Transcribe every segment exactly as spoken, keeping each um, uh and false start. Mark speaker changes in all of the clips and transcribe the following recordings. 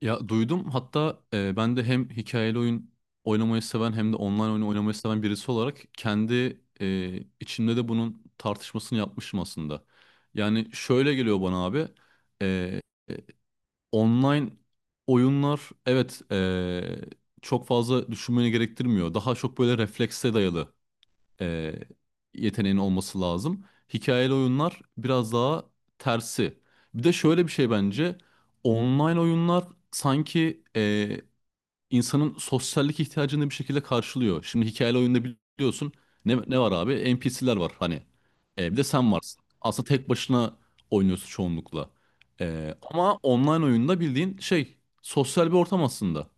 Speaker 1: Ya duydum hatta e, ben de hem hikayeli oyun oynamayı seven hem de online oyun oynamayı seven birisi olarak kendi e, içimde de bunun tartışmasını yapmışım aslında. Yani şöyle geliyor bana abi, e, e, online oyunlar evet, e, çok fazla düşünmeni gerektirmiyor. Daha çok böyle reflekse dayalı e, yeteneğin olması lazım. Hikayeli oyunlar biraz daha tersi. Bir de şöyle bir şey bence online oyunlar sanki e, insanın sosyallik ihtiyacını bir şekilde karşılıyor. Şimdi hikayeli oyunda biliyorsun ne, ne var abi? N P C'ler var hani. E, bir de sen varsın. Aslında tek başına oynuyorsun çoğunlukla. E, ama online oyunda bildiğin şey sosyal bir ortam aslında.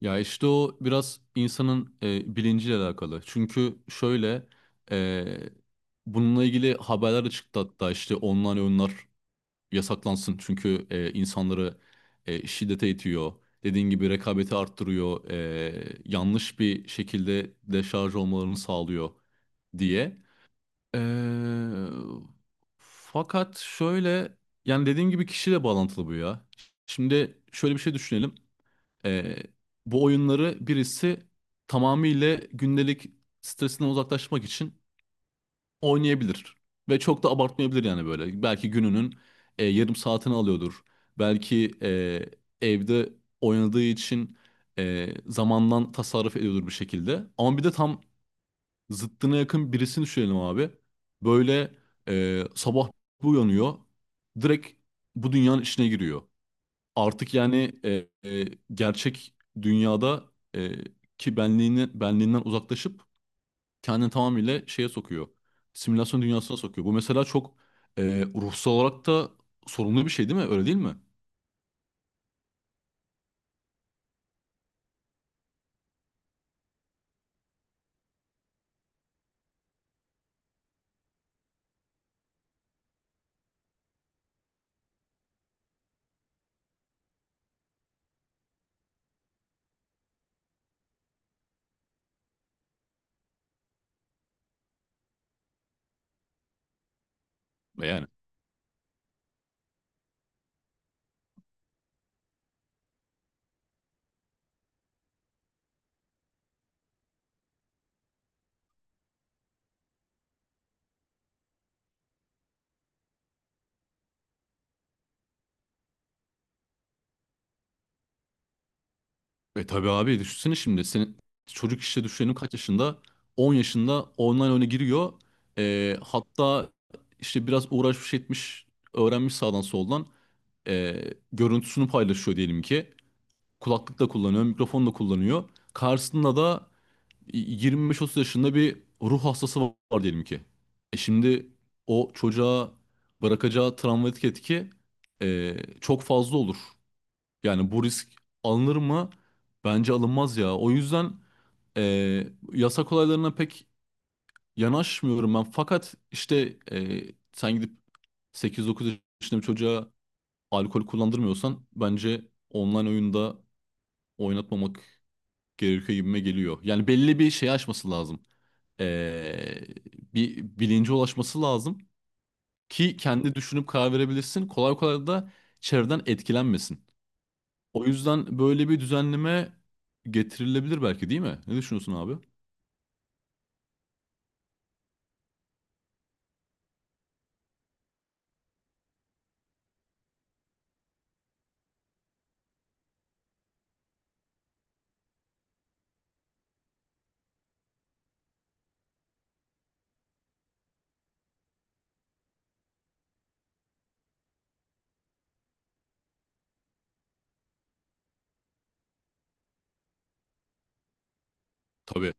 Speaker 1: Ya işte o biraz insanın e, bilinciyle alakalı. Çünkü şöyle e, bununla ilgili haberler de çıktı hatta, işte online oyunlar yasaklansın. Çünkü e, insanları e, şiddete itiyor. Dediğin gibi rekabeti arttırıyor. E, yanlış bir şekilde deşarj olmalarını sağlıyor diye. E, fakat şöyle, yani dediğim gibi kişiyle bağlantılı bu ya. Şimdi şöyle bir şey düşünelim. Ee, bu oyunları birisi tamamıyla gündelik stresinden uzaklaşmak için oynayabilir. Ve çok da abartmayabilir yani böyle. Belki gününün e, yarım saatini alıyordur. Belki e, evde oynadığı için e, zamandan tasarruf ediyordur bir şekilde. Ama bir de tam zıttına yakın birisini düşünelim abi. Böyle e, sabah bir uyanıyor. Direkt bu dünyanın içine giriyor artık yani, e, e, gerçek dünyada e, ki benliğini, benliğinden uzaklaşıp kendini tamamıyla şeye sokuyor. Simülasyon dünyasına sokuyor. Bu mesela çok e, ruhsal olarak da sorunlu bir şey değil mi? Öyle değil mi? E yani. E tabii abi, düşünsene şimdi. Senin çocuk, işte düşünelim, kaç yaşında? on yaşında online oyuna giriyor. E, hatta işte biraz uğraşmış etmiş, öğrenmiş sağdan soldan, e, görüntüsünü paylaşıyor diyelim ki. Kulaklık da kullanıyor, mikrofon da kullanıyor. Karşısında da yirmi beş otuz yaşında bir ruh hastası var diyelim ki. E şimdi o çocuğa bırakacağı travmatik etki e, çok fazla olur. Yani bu risk alınır mı? Bence alınmaz ya. O yüzden e, yasak olaylarına pek yanaşmıyorum ben. Fakat işte, e, sen gidip sekiz dokuz yaşında bir çocuğa alkol kullandırmıyorsan, bence online oyunda oynatmamak gerekiyor gibime geliyor. Yani belli bir şey aşması lazım. Ee, bir bilince ulaşması lazım ki kendi düşünüp karar verebilirsin. Kolay kolay da çevreden etkilenmesin. O yüzden böyle bir düzenleme getirilebilir belki, değil mi? Ne düşünüyorsun abi? Tabii.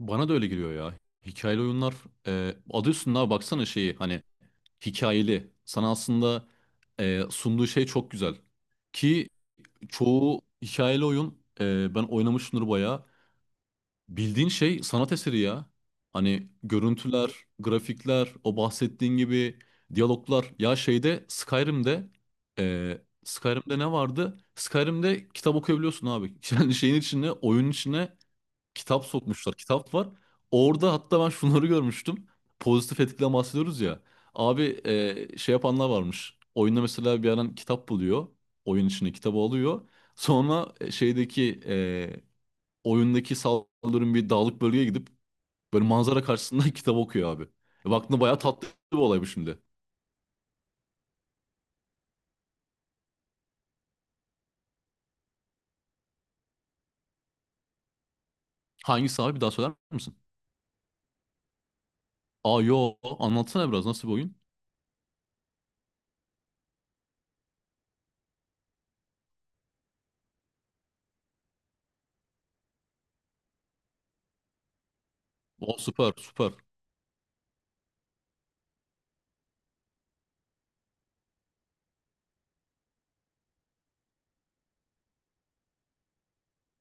Speaker 1: Bana da öyle geliyor ya. Hikayeli oyunlar, e, adı üstünde abi, baksana şeyi, hani hikayeli. Sana aslında e, sunduğu şey çok güzel. Ki çoğu hikayeli oyun, e, ben oynamışımdır bayağı. Bildiğin şey sanat eseri ya. Hani görüntüler, grafikler, o bahsettiğin gibi diyaloglar. Ya şeyde Skyrim'de e, Skyrim'de ne vardı? Skyrim'de kitap okuyabiliyorsun abi. Yani şeyin içine, oyunun içine kitap sokmuşlar. Kitap var. Orada hatta ben şunları görmüştüm. Pozitif etkiden bahsediyoruz ya. Abi e, şey yapanlar varmış. Oyunda mesela bir adam kitap buluyor. Oyun içine kitabı alıyor. Sonra e, şeydeki e, oyundaki saldırın bir dağlık bölgeye gidip böyle manzara karşısında kitap okuyor abi. E, baktığında bayağı tatlı bir olay bu şimdi. Hangisi abi, bir daha söyler misin? Aa yo, anlatsana biraz, nasıl bir oyun? O süper süper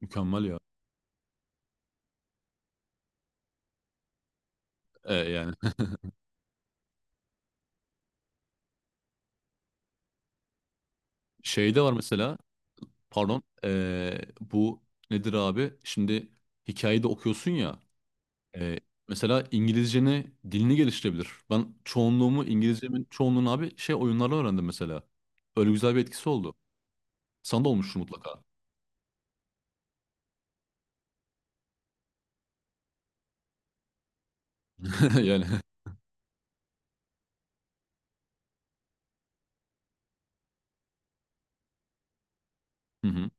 Speaker 1: mükemmel ya. E, yani şey de var mesela, pardon, e, bu nedir abi? Şimdi hikayeyi de okuyorsun ya, e, mesela İngilizceni, dilini geliştirebilir. Ben çoğunluğumu, İngilizcemin çoğunluğunu abi şey oyunlarla öğrendim mesela. Öyle güzel bir etkisi oldu. Sana da olmuştur mutlaka. Yani. Hı hı.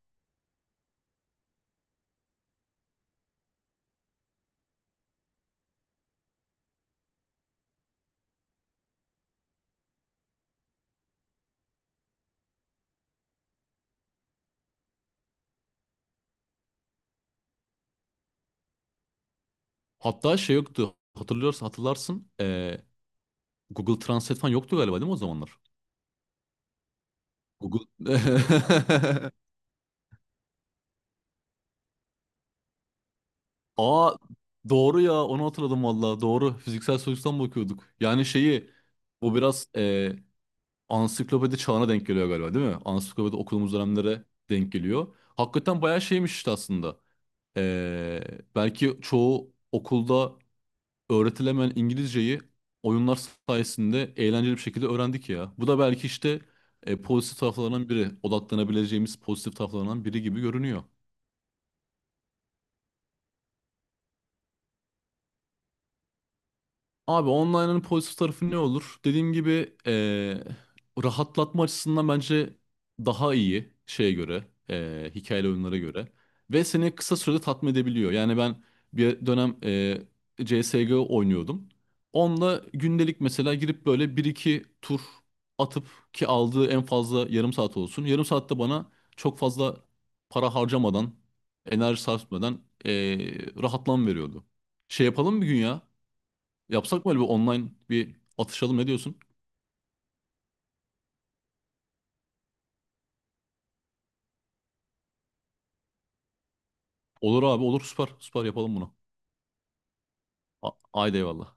Speaker 1: Hatta şey yoktu. Hatırlıyorsan hatırlarsın. eee, Google Translate falan yoktu galiba, değil mi o zamanlar? Google. Aa doğru ya, onu hatırladım valla. Doğru. Fiziksel soyuttan bakıyorduk. Yani şeyi, bu biraz eee ansiklopedi çağına denk geliyor galiba, değil mi? Ansiklopedi okuduğumuz dönemlere denk geliyor. Hakikaten bayağı şeymiş işte aslında. Eee, belki çoğu okulda öğretilemeyen İngilizceyi oyunlar sayesinde eğlenceli bir şekilde öğrendik ya. Bu da belki işte e, pozitif taraflarından biri, odaklanabileceğimiz pozitif taraflarından biri gibi görünüyor. Abi online'ın pozitif tarafı ne olur? Dediğim gibi, eee, rahatlatma açısından bence daha iyi şeye göre, eee hikayeli oyunlara göre. Ve seni kısa sürede tatmin edebiliyor. Yani ben bir dönem eee C S G O oynuyordum. Onunla gündelik mesela girip böyle bir iki tur atıp, ki aldığı en fazla yarım saat olsun. Yarım saatte bana çok fazla para harcamadan, enerji sarf etmeden eee rahatlam veriyordu. Şey yapalım bir gün ya. Yapsak mı? Öyle bir online bir atışalım, ne diyorsun? Olur abi olur, süper süper, yapalım bunu. A- Haydi eyvallah.